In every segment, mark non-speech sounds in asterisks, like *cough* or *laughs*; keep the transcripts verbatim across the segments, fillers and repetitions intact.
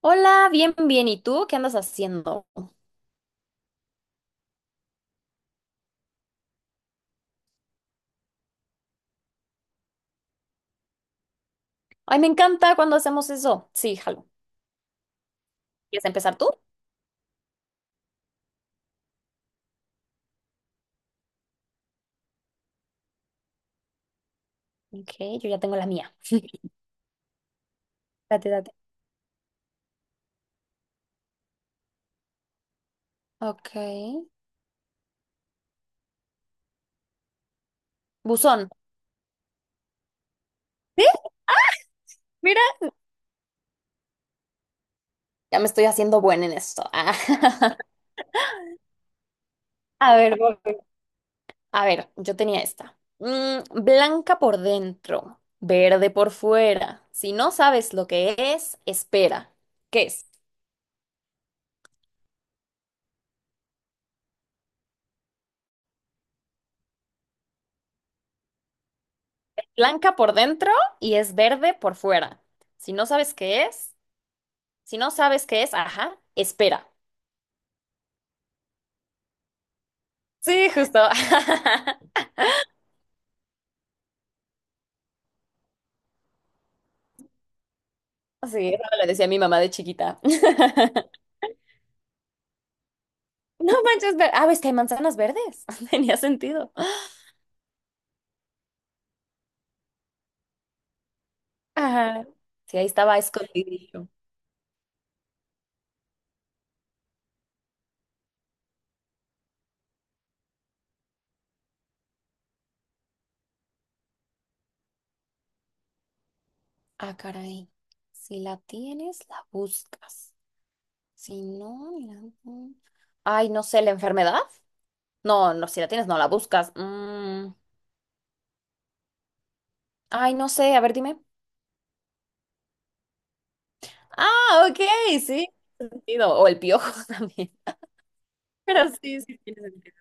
Hola, bien, bien. ¿Y tú qué andas haciendo? Ay, me encanta cuando hacemos eso. Sí, jalo. ¿Quieres empezar tú? Ok, yo ya tengo la mía. *laughs* Date, date. Ok. Buzón. ¿Sí? Mira, ya me estoy haciendo buena en esto. Ah. *laughs* A ver, voy. A ver, yo tenía esta. Mm, blanca por dentro, verde por fuera. Si no sabes lo que es, espera. ¿Qué es? Blanca por dentro y es verde por fuera. Si no sabes qué es, Si no sabes qué es, ajá, espera. Sí, justo. *laughs* Sí, eso me lo decía mi mamá de chiquita. *laughs* No manches, ver. Ah, ves que hay manzanas verdes. *laughs* Tenía sentido. Ajá. Sí, ahí estaba escondidillo. Ah, caray. Si la tienes, la buscas. Si no, la... Ay, no sé, ¿la enfermedad? No, no, si la tienes, no la buscas. Mm, Ay, no sé, a ver, dime. Ah, ok, sí. Sentido. O el piojo *laughs* también. Pero sí, sí tiene sentido.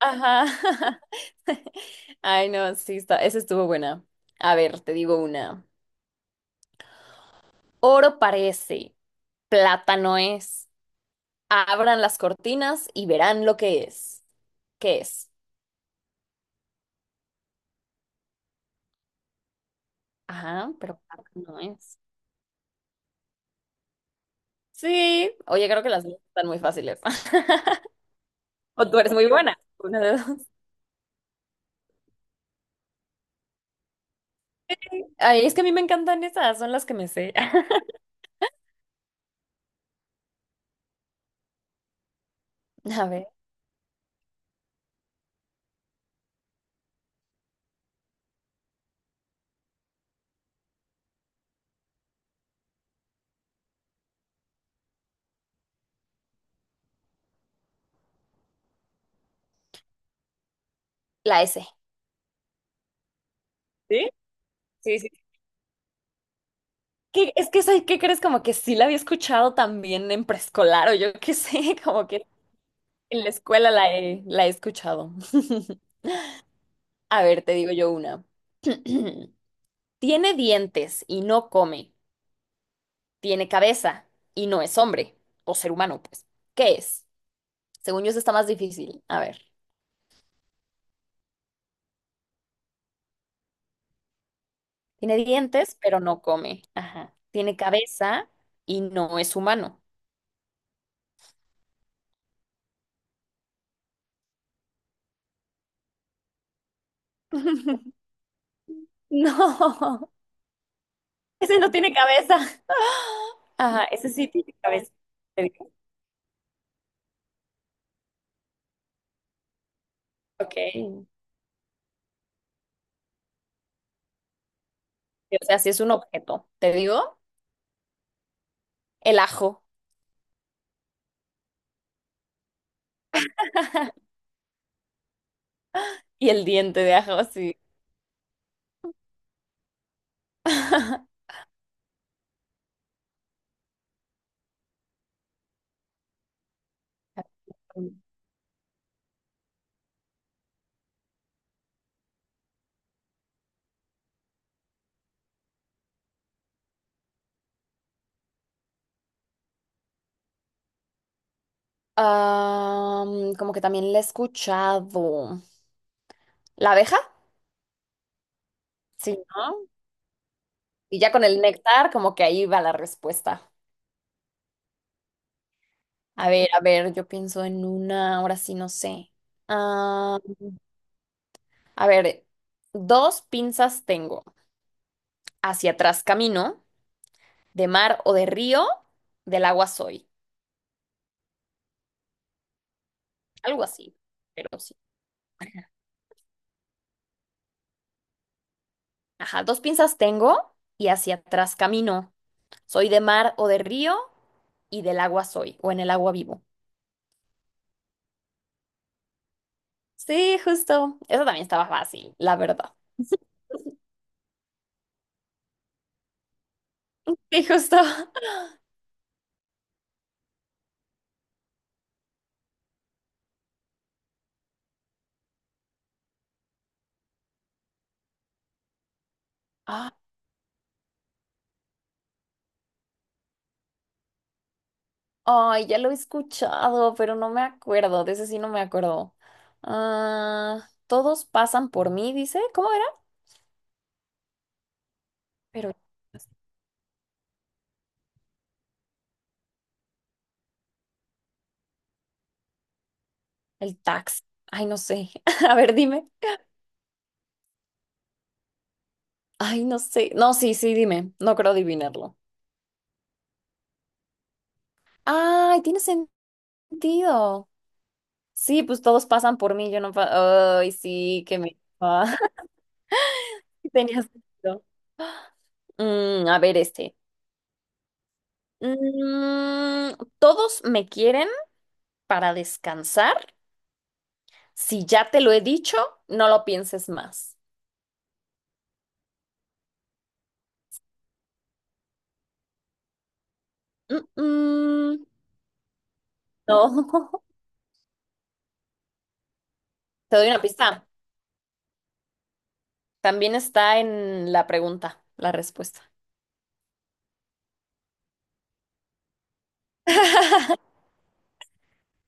Ajá. *laughs* Ay, no, sí, está. Esa estuvo buena. A ver, te digo una. Oro parece, plátano es. Abran las cortinas y verán lo que es. ¿Qué es? Ajá, pero plátano es. Sí. Oye, creo que las dos están muy fáciles. *laughs* O tú eres muy buena. Una de dos. Ay, es que a mí me encantan esas, son las que me sé. *laughs* A ver, la S. ¿Sí? Sí, sí, que, es que, ¿sabes qué crees? Como que sí la había escuchado también en preescolar o yo qué sé, *laughs* como que en la escuela la he, la he escuchado. *laughs* A ver, te digo yo una. *clears throat* Tiene dientes y no come. Tiene cabeza y no es hombre o ser humano, pues. ¿Qué es? Según yo, eso está más difícil. A ver. Tiene dientes, pero no come. Ajá. Tiene cabeza y no es humano. *laughs* No, ese no tiene cabeza. *laughs* *gasps* Ajá, ese sí tiene cabeza. Ok. Y, o sea, si es un objeto, te digo, el ajo y el diente de ajo, sí. *laughs* Am, como que también la he escuchado. ¿La abeja? Sí, ¿no? Y ya con el néctar, como que ahí va la respuesta. A ver, a ver, yo pienso en una, ahora sí no sé. Ah, a ver, dos pinzas tengo. Hacia atrás camino, de mar o de río, del agua soy. Algo así, pero sí. Ajá, dos pinzas tengo y hacia atrás camino. Soy de mar o de río y del agua soy, o en el agua vivo. Sí, justo. Eso también estaba fácil, la verdad. Sí, justo. *laughs* Ah, ay, ya lo he escuchado, pero no me acuerdo. De ese sí no me acuerdo. Ah, todos pasan por mí, dice. ¿Cómo era? Pero el taxi. Ay, no sé. *laughs* A ver, dime. Ay, no sé. No, sí, sí, dime. No creo adivinarlo. Ay, tiene sentido. Sí, pues todos pasan por mí, yo no pa- Ay, sí, que me... *laughs* tenías sentido. Mm, a ver este. Mm, Todos me quieren para descansar. Si ya te lo he dicho, no lo pienses más. Mm, mm, no. *laughs* Te doy una pista. También está en la pregunta, la respuesta.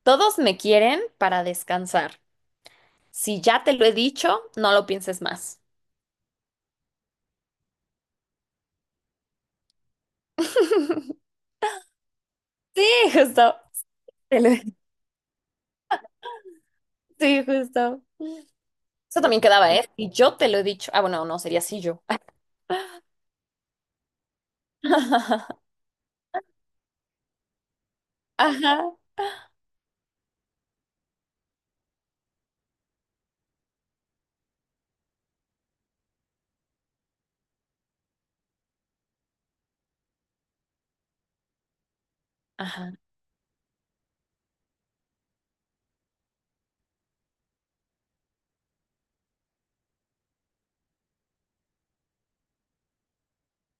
Todos me quieren para descansar. Si ya te lo he dicho, no lo pienses más. *laughs* Sí, justo. Te lo- Sí, justo. Eso también quedaba, ¿eh? Y yo te lo he dicho. Ah, bueno, no, sería sí yo. *laughs* Ajá. Ajá.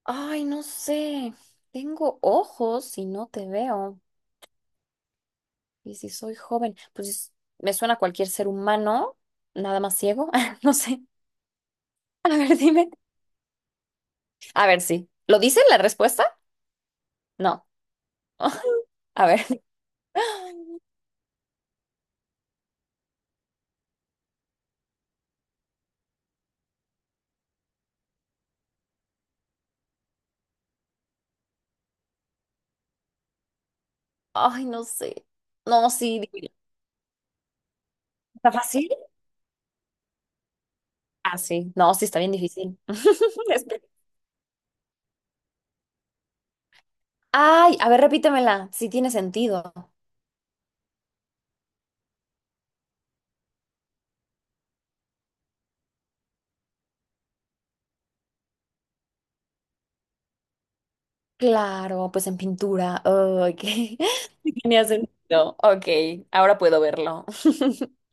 Ay, no sé. Tengo ojos y no te veo. Y si soy joven, pues me suena a cualquier ser humano, nada más ciego. *laughs* No sé. A ver, dime. A ver, sí. ¿Lo dice la respuesta? No. *laughs* A ver. Ay, no sé. No, sí, dime. ¿Está fácil? Ah, sí. No, sí, está bien difícil. *laughs* Es ay, a ver, repítemela, si tiene sentido. Claro, pues en pintura. Ok. *laughs* Sí, tenía sentido. Ok, ahora puedo verlo. *laughs*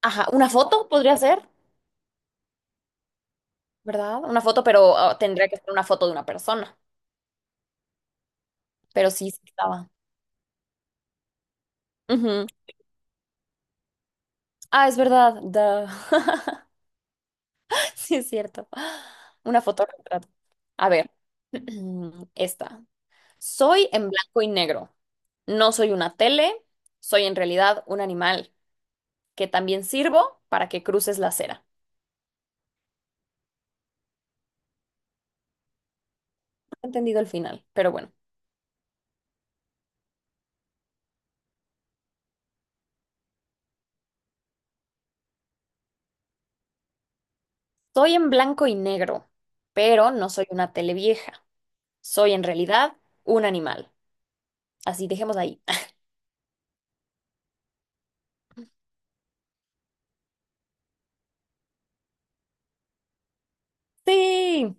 Ajá, una foto podría ser, ¿verdad? Una foto, pero ah, tendría que ser una foto de una persona. Pero sí, sí estaba. Ujú. Ah, es verdad. Duh. *laughs* Sí, es cierto. Una foto retrato. A ver, *clears throat* esta. Soy en blanco y negro. No soy una tele, soy en realidad un animal. Que también sirvo para que cruces la acera. No he entendido el final, pero bueno. Soy en blanco y negro, pero no soy una televieja. Soy en realidad un animal. Así dejemos ahí. *laughs* Sí.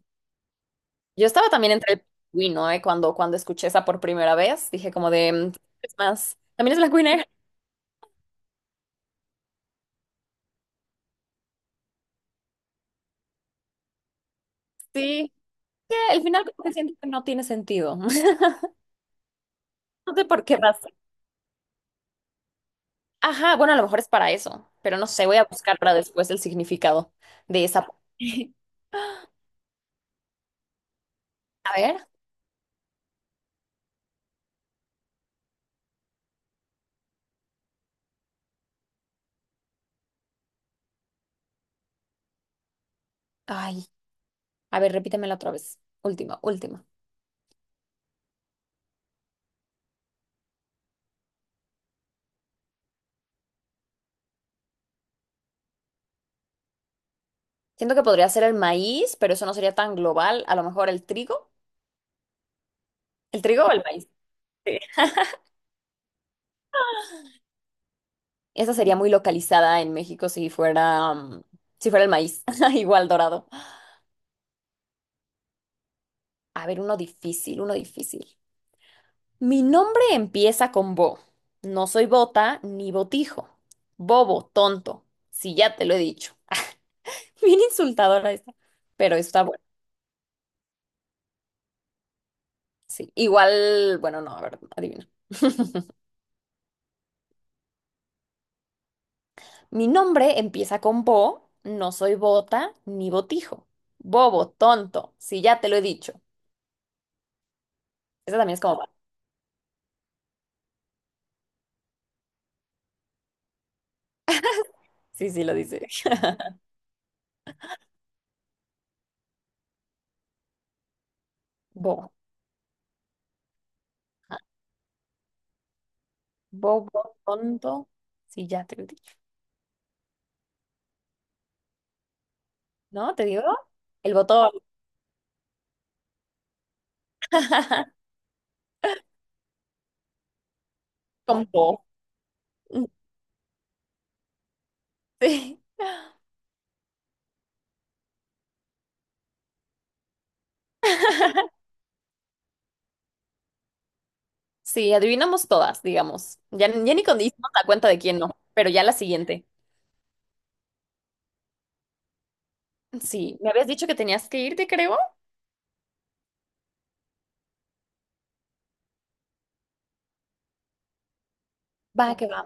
Yo estaba también entre el pingüino, ¿eh? Cuando, cuando escuché esa por primera vez, dije como de, "Mm, es más, también es blanco y negro." Sí. Que al final como que siento que no tiene sentido. *laughs* No sé por qué razón. Ajá, bueno, a lo mejor es para eso, pero no sé, voy a buscar para después el significado de esa. *laughs* A ver. Ay, a ver, repítemela otra vez. Última, última. Siento que podría ser el maíz, pero eso no sería tan global. A lo mejor el trigo. ¿El trigo o el maíz? Sí. Esa sería muy localizada en México si fuera, mm, si fuera el maíz. *laughs* Igual dorado. A ver, uno difícil, uno difícil. Mi nombre empieza con bo. No soy bota ni botijo. Bobo, tonto. Si ya te lo he dicho. *laughs* Bien insultadora esta. Pero está bueno. Sí. Igual, bueno, no, a ver, adivina. *laughs* Mi nombre empieza con bo, no soy bota ni botijo. Bobo, tonto, si ya te lo he dicho. Esa también es como... *laughs* Sí, sí, lo dice. *laughs* Bo. Ajá. Bobo, tonto, si ya te lo he dicho. ¿No? ¿Te digo? El botón. *laughs* Con bo. Sí. *laughs* Sí, adivinamos todas, digamos. Ya, ya ni con dimos la cuenta de quién no, pero ya la siguiente. Sí, me habías dicho que tenías que irte, creo. Va, que va.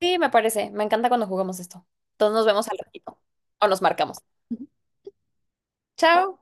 Sí, me parece. Me encanta cuando jugamos esto. Entonces nos vemos al ratito. O nos marcamos. Ujú. Chao.